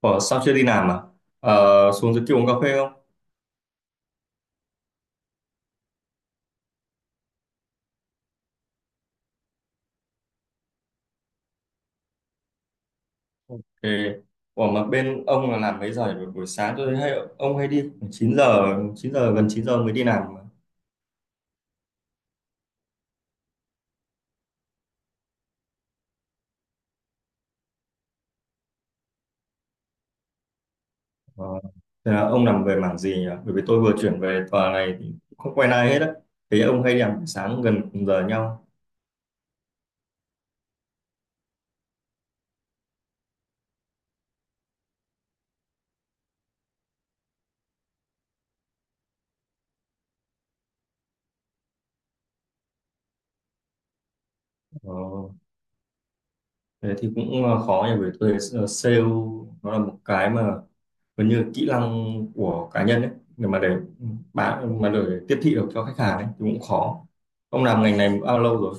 Ủa, sao chưa đi làm à? Ờ, Xuống dưới kia uống cà phê không? Thì, ủa mà bên ông là làm mấy giờ nhỉ? Buổi sáng tôi thấy hay, ông hay đi khoảng 9 giờ, gần 9 giờ mới đi làm mà. Ờ, Thế là ông làm về mảng gì nhỉ? Bởi vì tôi vừa chuyển về tòa này thì không quen ai hết á. Thế ông hay đi làm buổi sáng gần cùng giờ nhau. Ờ. Thế thì cũng khó nhỉ, bởi tôi thấy, sale nó là một cái mà gần như là kỹ năng của cá nhân ấy, để mà để bán, mà để tiếp thị được cho khách hàng ấy thì cũng khó. Ông làm ngành này bao lâu rồi?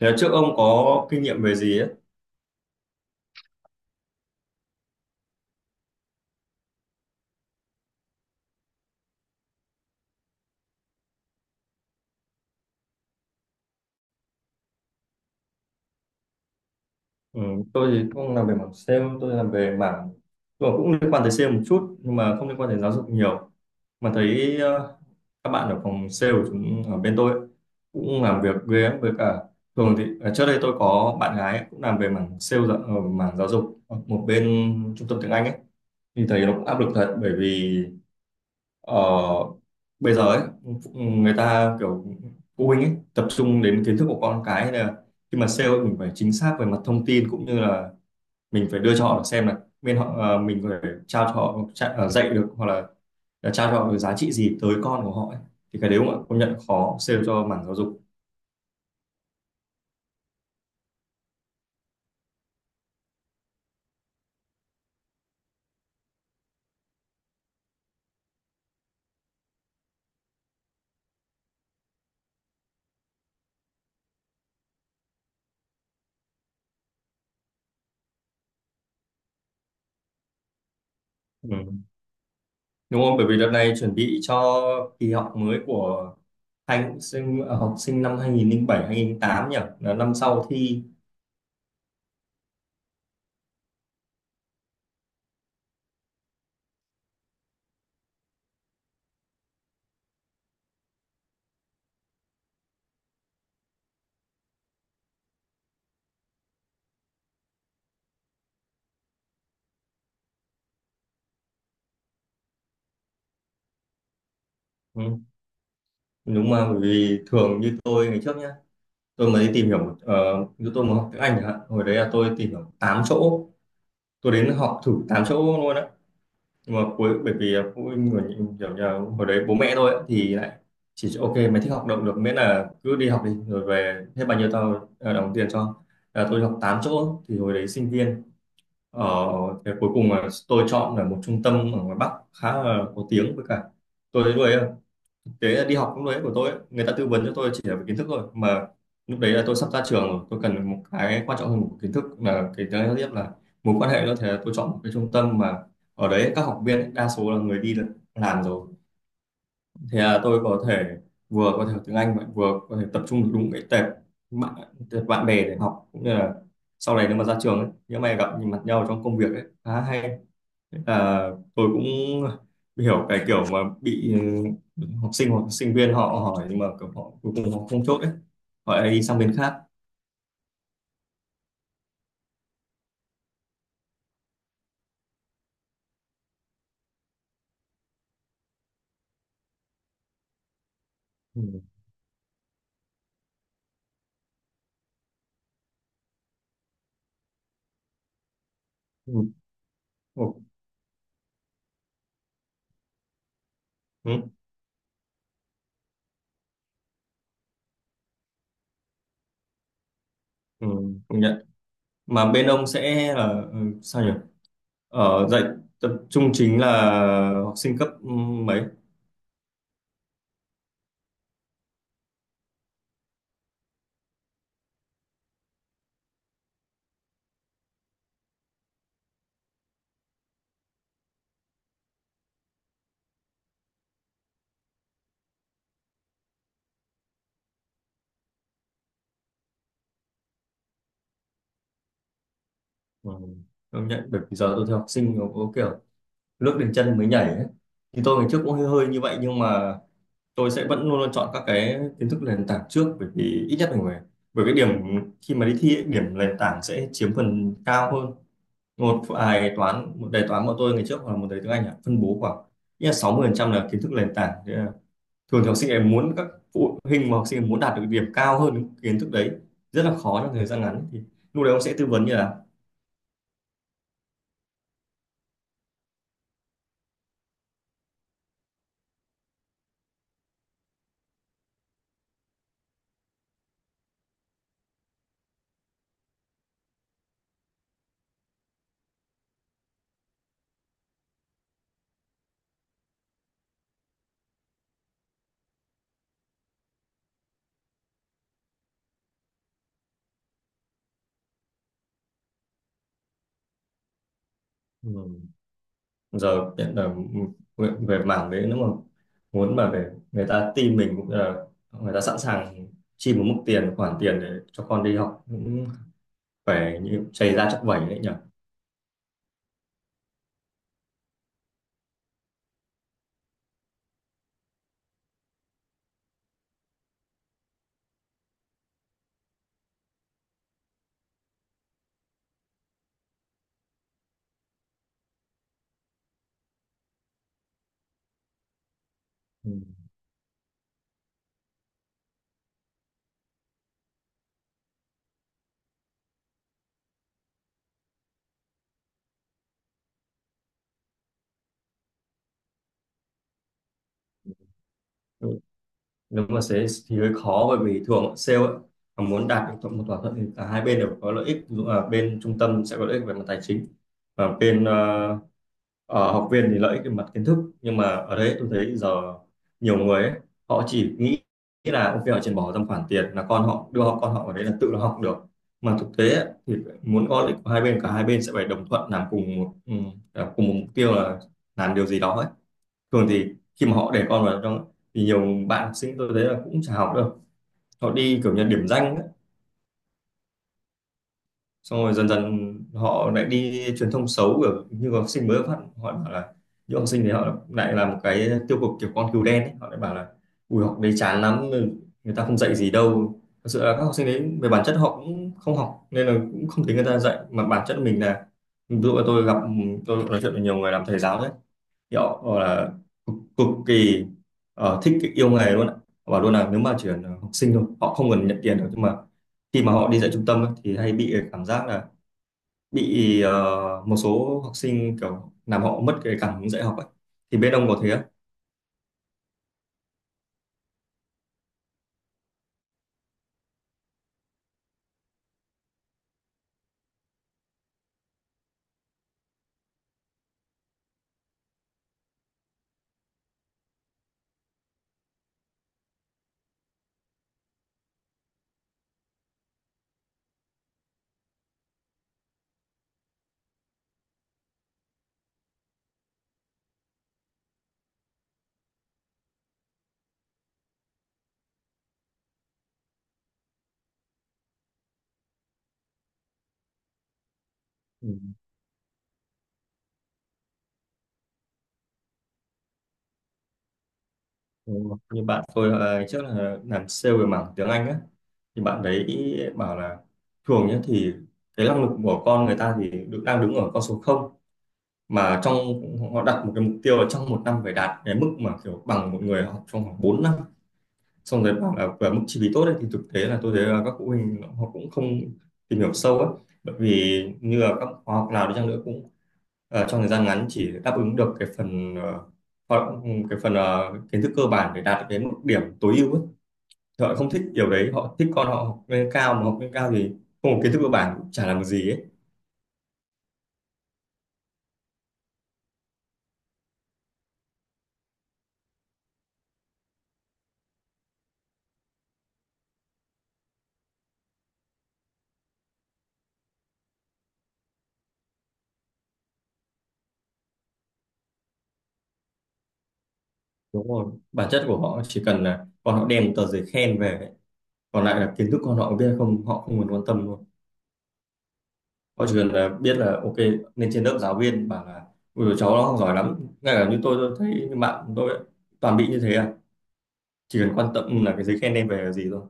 Thế trước ông có kinh nghiệm về gì ấy? Ừ, tôi thì không làm về mảng sale, tôi làm về mảng, tôi cũng liên quan tới sale một chút nhưng mà không liên quan tới giáo dục nhiều mà thấy các bạn ở phòng sale của chúng ở bên tôi ấy, cũng làm việc ghê với cả thường thì à, trước đây tôi có bạn gái ấy, cũng làm về mảng sale ở mảng giáo dục ở một bên trung tâm tiếng Anh ấy, thì thấy nó cũng áp lực thật. Bởi vì ờ, bây giờ ấy, người ta kiểu phụ huynh ấy tập trung đến kiến thức của con cái, nên là khi mà sale ấy, mình phải chính xác về mặt thông tin, cũng như là mình phải đưa cho họ xem là bên họ mình phải trao cho họ dạy được, hoặc là trao cho họ cái giá trị gì tới con của họ ấy. Thì cái đấy cũng công nhận khó sale cho mảng giáo dục. Ừ. Đúng không, bởi vì đợt này chuẩn bị cho kỳ học mới của học sinh năm 2007 2008 nhỉ, là năm sau thi. Ừ. Đúng mà, bởi vì thường như tôi ngày trước nhá, tôi mới đi tìm hiểu như tôi mới học tiếng Anh chẳng hạn, hồi đấy là tôi tìm hiểu 8 chỗ, tôi đến học thử 8 chỗ luôn á. Nhưng mà cuối bởi vì phụ huynh của những kiểu như là hồi đấy bố mẹ thôi ấy, thì lại chỉ cho, ok mày thích học động được miễn là cứ đi học đi, rồi về hết bao nhiêu tao đóng tiền cho. Là tôi học 8 chỗ thì hồi đấy sinh viên ở, thế cuối cùng là tôi chọn là một trung tâm ở ngoài Bắc khá là có tiếng, với cả tôi thấy lúc ấy. Thế là đi học lúc đấy của tôi ấy, người ta tư vấn cho tôi chỉ là về kiến thức thôi, mà lúc đấy là tôi sắp ra trường rồi, tôi cần một cái quan trọng hơn một kiến thức là cái thứ tiếp là mối quan hệ nữa. Thế là tôi chọn một cái trung tâm mà ở đấy các học viên ấy, đa số là người đi làm rồi. Thế là tôi có thể vừa có thể học tiếng Anh mà vừa có thể tập trung được đúng cái tệp bạn, tệp bạn bè để học, cũng như là sau này nếu mà ra trường ấy, nếu mà gặp nhìn mặt nhau trong công việc ấy khá hay. À, tôi cũng hiểu cái kiểu mà bị ừ, học sinh hoặc sinh viên họ hỏi nhưng mà kiểu họ cuối cùng họ không chốt ấy, họ lại đi sang bên khác. Ừ. Ừ. Ừ. Ừ. Ừ. Công nhận. Mà bên ông sẽ là ừ, sao nhỉ, ở dạy tập trung chính là học sinh cấp ừ, mấy. Ừ. Công nhận, bởi vì giờ tôi thấy học sinh nó có kiểu nước đến chân mới nhảy ấy. Thì tôi ngày trước cũng hơi hơi như vậy, nhưng mà tôi sẽ vẫn luôn luôn chọn các cái kiến thức nền tảng trước, bởi vì ít nhất mình phải, bởi cái điểm khi mà đi thi ấy, điểm nền tảng sẽ chiếm phần cao hơn. Một bài toán một đề toán của tôi ngày trước hoặc là một đề tiếng Anh ạ, phân bố khoảng ít là 60% là kiến thức nền tảng. Thế là thường thì học sinh em muốn các phụ huynh mà học sinh em muốn đạt được điểm cao hơn những kiến thức đấy rất là khó trong thời gian ngắn, thì lúc đấy ông sẽ tư vấn như là. Ừ, giờ hiện là về về mảng đấy, nếu mà muốn mà về người ta tin mình, cũng là người ta sẵn sàng chi một mức tiền khoản tiền để cho con đi học cũng phải như chảy ra chắc vẩy đấy nhỉ. Ừ. Ừ, nếu mà thế thì hơi khó, bởi vì thường sale ấy, mà muốn đạt được một thỏa thuận thì cả hai bên đều có lợi ích, ví dụ là bên trung tâm sẽ có lợi ích về mặt tài chính, và bên học viên thì lợi ích về mặt kiến thức. Nhưng mà ở đấy tôi thấy giờ nhiều người ấy, họ chỉ nghĩ nghĩ là ok họ chỉ bỏ ra một khoản tiền là con họ đưa họ con họ ở đấy là tự nó học được. Mà thực tế ấy, thì muốn có lợi ích của hai bên, cả hai bên sẽ phải đồng thuận làm cùng một ừ, làm cùng một mục tiêu là làm điều gì đó ấy. Thường thì khi mà họ để con vào trong thì nhiều bạn học sinh tôi thấy là cũng chả học đâu, họ đi kiểu như điểm danh ấy. Xong rồi dần dần họ lại đi truyền thông xấu kiểu như học sinh mới phát, họ bảo là những học sinh thì họ lại làm cái tiêu cực kiểu con cừu đen ấy. Họ lại bảo là ui học đấy chán lắm, người ta không dạy gì đâu. Thật sự là các học sinh đấy về bản chất họ cũng không học nên là cũng không thấy người ta dạy, mà bản chất mình là, ví dụ là tôi gặp tôi nói chuyện với nhiều người làm thầy giáo đấy, thì họ bảo là cực, cực kỳ thích cái yêu nghề luôn ạ. Họ bảo luôn là nếu mà chỉ cần học sinh thôi, họ không cần nhận tiền được, nhưng mà khi mà họ đi dạy trung tâm ấy, thì hay bị cảm giác là bị một số học sinh kiểu làm họ mất cái cảm hứng dạy học ấy. Thì bên ông có thế không? Ừ. Đúng rồi. Như bạn tôi trước là làm sale về mảng tiếng Anh á, thì bạn đấy bảo là thường nhé thì cái năng lực của con người ta thì được đang đứng ở con số không, mà trong họ đặt một cái mục tiêu là trong một năm phải đạt cái mức mà kiểu bằng một người học trong khoảng 4 năm. Xong rồi bảo là và mức chi phí tốt ấy, thì thực tế là tôi thấy là các phụ huynh họ cũng không tìm hiểu sâu ấy. Bởi vì như là các khóa học nào đi chăng nữa cũng trong thời gian ngắn chỉ đáp ứng được cái phần họ- cái phần kiến thức cơ bản để đạt được đến một điểm tối ưu ấy. Thì họ không thích điều đấy, họ thích con họ học lên cao, mà học lên cao thì không có kiến thức cơ bản cũng chả làm được gì ấy. Đúng rồi, bản chất của họ chỉ cần là con họ đem một tờ giấy khen về ấy. Còn lại là kiến thức con họ biết hay không họ không cần quan tâm. Họ chỉ cần là biết là ok lên trên lớp giáo viên bảo là ui cháu nó không giỏi lắm. Ngay cả như tôi thấy như bạn tôi ấy, toàn bị như thế à. Chỉ cần quan tâm là cái giấy khen đem về là gì thôi.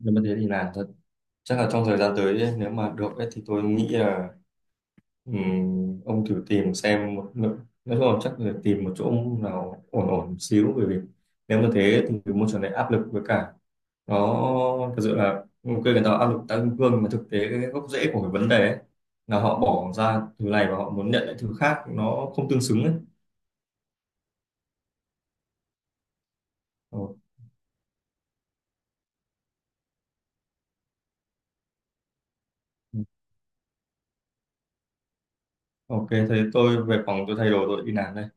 Nếu mà thế thì làm thật. Chắc là trong thời gian tới ấy, nếu mà được ấy, thì tôi nghĩ là ông thử tìm xem một nói chung là chắc là tìm một chỗ nào ổn ổn một xíu. Bởi vì nếu mà thế thì môi trường này áp lực, với cả nó thực sự là ok người ta áp lực tăng kim cương, mà thực tế cái gốc rễ của cái vấn đề ấy, là họ bỏ ra thứ này và họ muốn nhận lại thứ khác nó không tương xứng ấy. Ờ, ok thế tôi về phòng tôi thay đồ tôi đi làm đây.